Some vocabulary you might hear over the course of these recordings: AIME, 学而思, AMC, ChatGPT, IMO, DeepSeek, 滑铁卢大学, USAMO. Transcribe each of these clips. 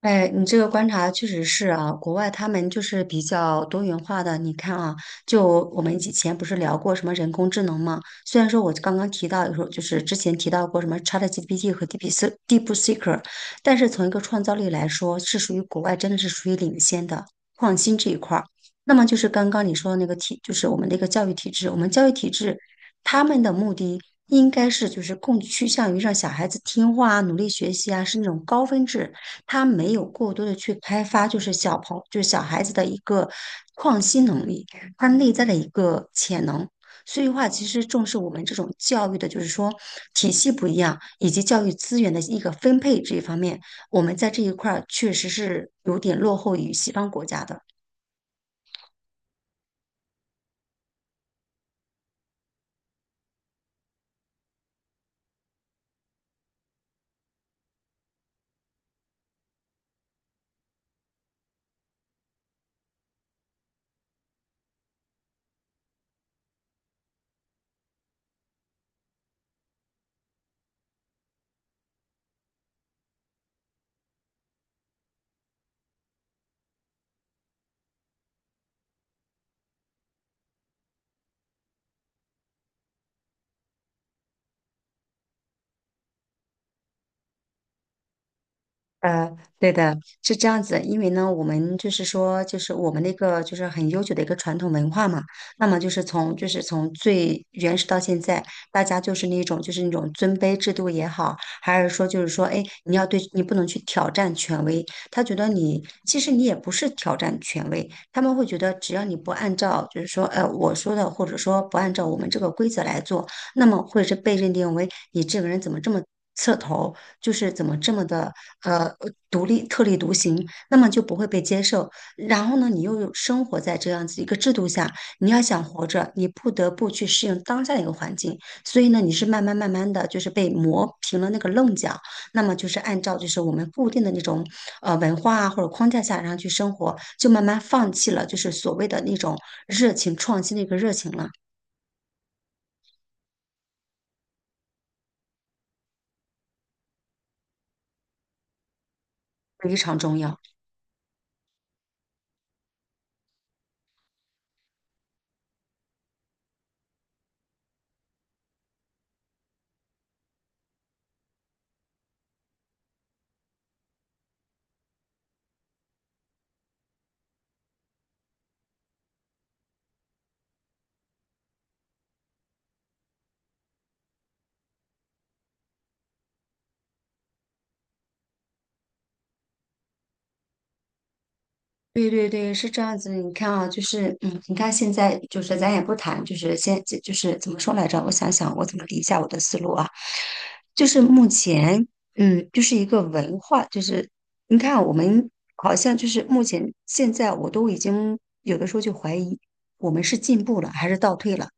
哎，你这个观察确实是啊，国外他们就是比较多元化的。你看啊，就我们以前不是聊过什么人工智能吗？虽然说我刚刚提到，有时候就是之前提到过什么 ChatGPT 和 DeepSeek，但是从一个创造力来说，是属于国外真的是属于领先的创新这一块儿。那么就是刚刚你说的那个体，就是我们的一个教育体制，我们教育体制他们的目的应该是就是更趋向于让小孩子听话啊，努力学习啊，是那种高分制。他没有过多的去开发，就是小孩子的一个创新能力，他内在的一个潜能。所以话，其实重视我们这种教育的，就是说体系不一样，以及教育资源的一个分配这一方面，我们在这一块儿确实是有点落后于西方国家的。呃，对的，是这样子，因为呢，我们就是说，就是我们那个就是很悠久的一个传统文化嘛，那么就是从最原始到现在，大家就是那种尊卑制度也好，还是说就是说，哎，你要对你不能去挑战权威，他觉得你其实你也不是挑战权威，他们会觉得只要你不按照就是说我说的，或者说不按照我们这个规则来做，那么会是被认定为你这个人怎么这么。刺头，就是怎么这么的呃独立特立独行，那么就不会被接受。然后呢，你又有生活在这样子一个制度下，你要想活着，你不得不去适应当下的一个环境。所以呢，你是慢慢慢慢的就是被磨平了那个棱角，那么就是按照就是我们固定的那种文化啊或者框架下，然后去生活，就慢慢放弃了就是所谓的那种热情创新的一个热情了，非常重要。对对对，是这样子。你看啊，就是嗯，你看现在就是咱也不谈，就是先就是怎么说来着？我想想，我怎么理一下我的思路啊？就是目前，嗯，就是一个文化，就是你看啊我们好像就是目前现在，我都已经有的时候就怀疑我们是进步了还是倒退了。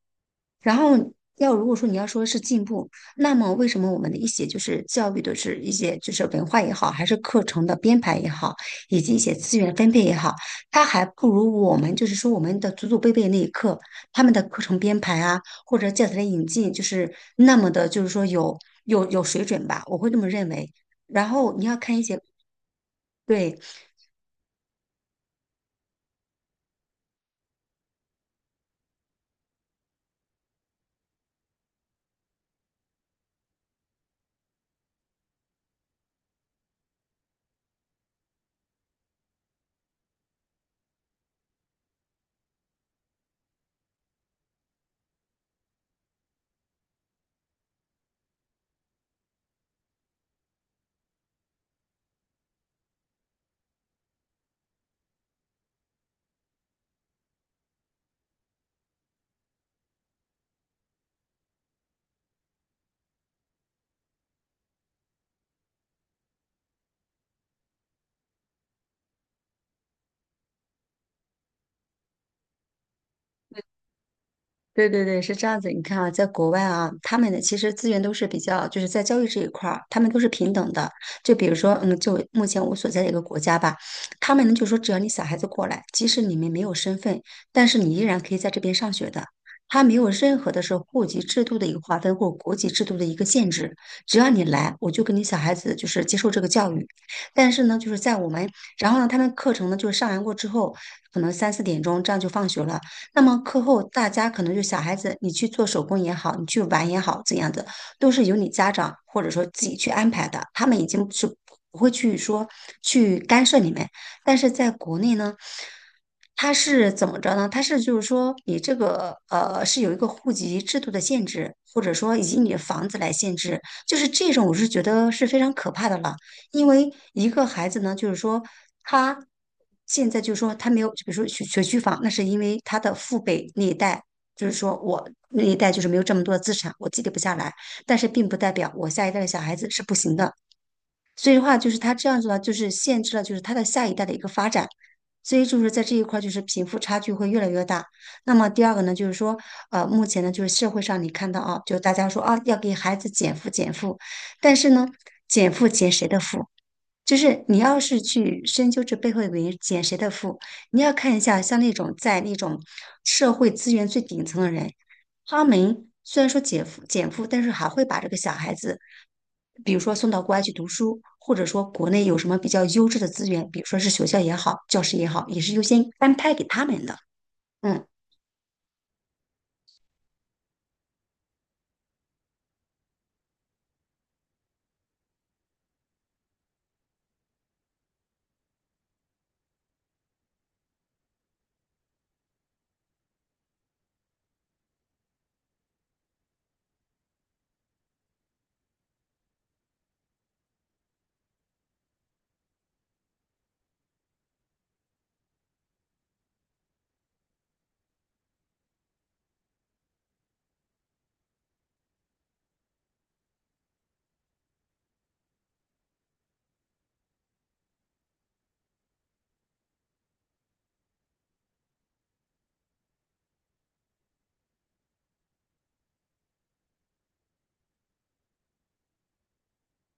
然后要如果说你要说是进步，那么为什么我们的一些就是教育的是一些就是文化也好，还是课程的编排也好，以及一些资源分配也好，它还不如我们就是说我们的祖祖辈辈那一刻他们的课程编排啊，或者教材的引进，就是那么的，就是说有水准吧，我会这么认为。然后你要看一些。对，对对对，是这样子。你看啊，在国外啊，他们的其实资源都是比较，就是在教育这一块儿，他们都是平等的。就比如说，嗯，就目前我所在的一个国家吧，他们呢就说，只要你小孩子过来，即使你们没有身份，但是你依然可以在这边上学的。他没有任何的是户籍制度的一个划分或国籍制度的一个限制，只要你来，我就跟你小孩子就是接受这个教育。但是呢，就是在我们，然后呢，他们课程呢就是上完过之后，可能三四点钟这样就放学了。那么课后大家可能就小孩子，你去做手工也好，你去玩也好，怎样的都是由你家长或者说自己去安排的，他们已经是不会去说去干涉你们。但是在国内呢，它是怎么着呢？它是就是说，你这个是有一个户籍制度的限制，或者说以及你的房子来限制，就是这种我是觉得是非常可怕的了。因为一个孩子呢，就是说他现在就是说他没有，比如说学学区房，那是因为他的父辈那一代，就是说我那一代就是没有这么多的资产，我积累不下来，但是并不代表我下一代的小孩子是不行的。所以的话，就是他这样子呢，就是限制了就是他的下一代的一个发展，所以就是在这一块儿就是贫富差距会越来越大。那么第二个呢，就是说，目前呢就是社会上你看到啊，就大家说啊要给孩子减负减负，但是呢，减负减谁的负？就是你要是去深究这背后的原因，减谁的负，你要看一下，像那种在那种社会资源最顶层的人，他们虽然说减负减负，但是还会把这个小孩子，比如说送到国外去读书，或者说国内有什么比较优质的资源，比如说是学校也好，教师也好，也是优先安排给他们的。嗯。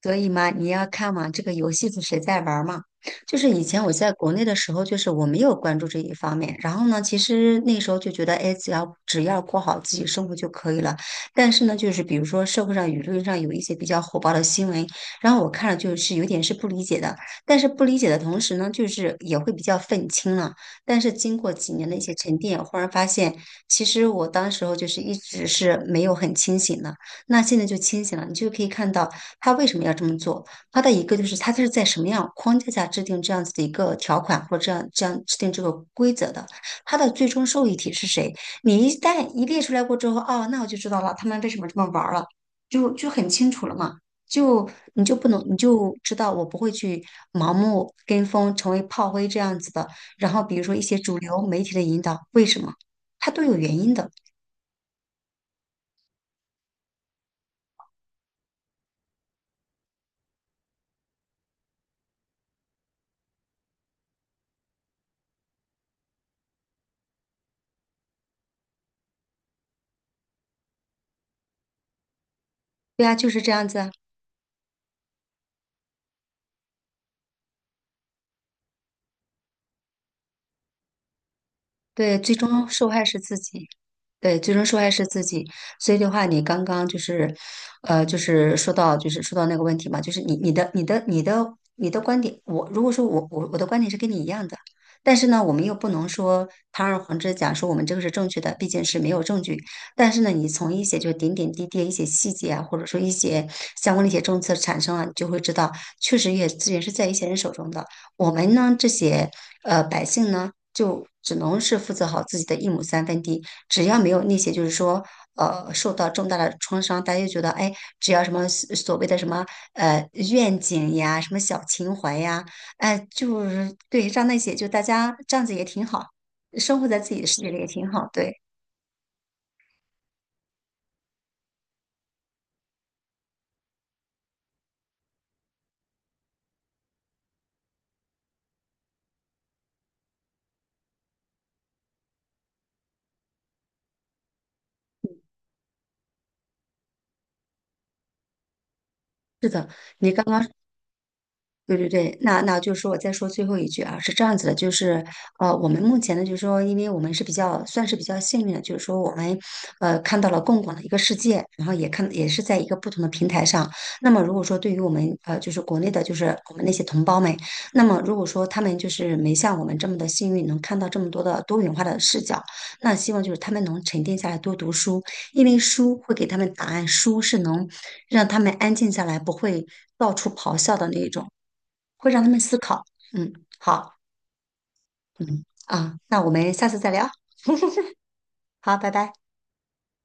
所以嘛，你要看嘛，这个游戏是谁在玩儿嘛？就是以前我在国内的时候，就是我没有关注这一方面。然后呢，其实那时候就觉得，哎，只要过好自己生活就可以了。但是呢，就是比如说社会上舆论上有一些比较火爆的新闻，然后我看了就是有点是不理解的。但是不理解的同时呢，就是也会比较愤青了。但是经过几年的一些沉淀，忽然发现，其实我当时候就是一直是没有很清醒的。那现在就清醒了，你就可以看到。他为什么要这么做？他的一个就是他是在什么样框架下制定这样子的一个条款，或者这样制定这个规则的？他的最终受益体是谁？你一旦一列出来过之后，哦，那我就知道了，他们为什么这么玩了，就很清楚了嘛。就你就不能，你就知道我不会去盲目跟风，成为炮灰这样子的。然后比如说一些主流媒体的引导，为什么？它都有原因的。对啊，就是这样子啊。对，最终受害是自己。对，最终受害是自己。所以的话，你刚刚就是，就是说到那个问题嘛，就是你的观点，我如果说我的观点是跟你一样的，但是呢，我们又不能说堂而皇之讲说我们这个是正确的，毕竟是没有证据。但是呢，你从一些就点点滴滴的一些细节啊，或者说一些相关的一些政策产生了，你就会知道，确实也资源是在一些人手中的。我们呢，这些百姓呢。就只能是负责好自己的一亩三分地。只要没有那些，就是说，受到重大的创伤，大家就觉得，哎，只要什么所谓的什么愿景呀，什么小情怀呀，哎，就是对，让那些就大家这样子也挺好，生活在自己的世界里也挺好。对，是的，你刚刚对对对，那就是说我再说最后一句啊，是这样子的，就是我们目前呢，就是说，因为我们是比较算是比较幸运的，就是说我们看到了更广的一个世界，然后也看也是在一个不同的平台上。那么如果说对于我们就是国内的，就是我们那些同胞们，那么如果说他们就是没像我们这么的幸运，能看到这么多的多元化的视角，那希望就是他们能沉淀下来多读书，因为书会给他们答案，书是能让他们安静下来，不会到处咆哮的那种。会让他们思考。嗯，好啊，那我们下次再聊。好，拜拜。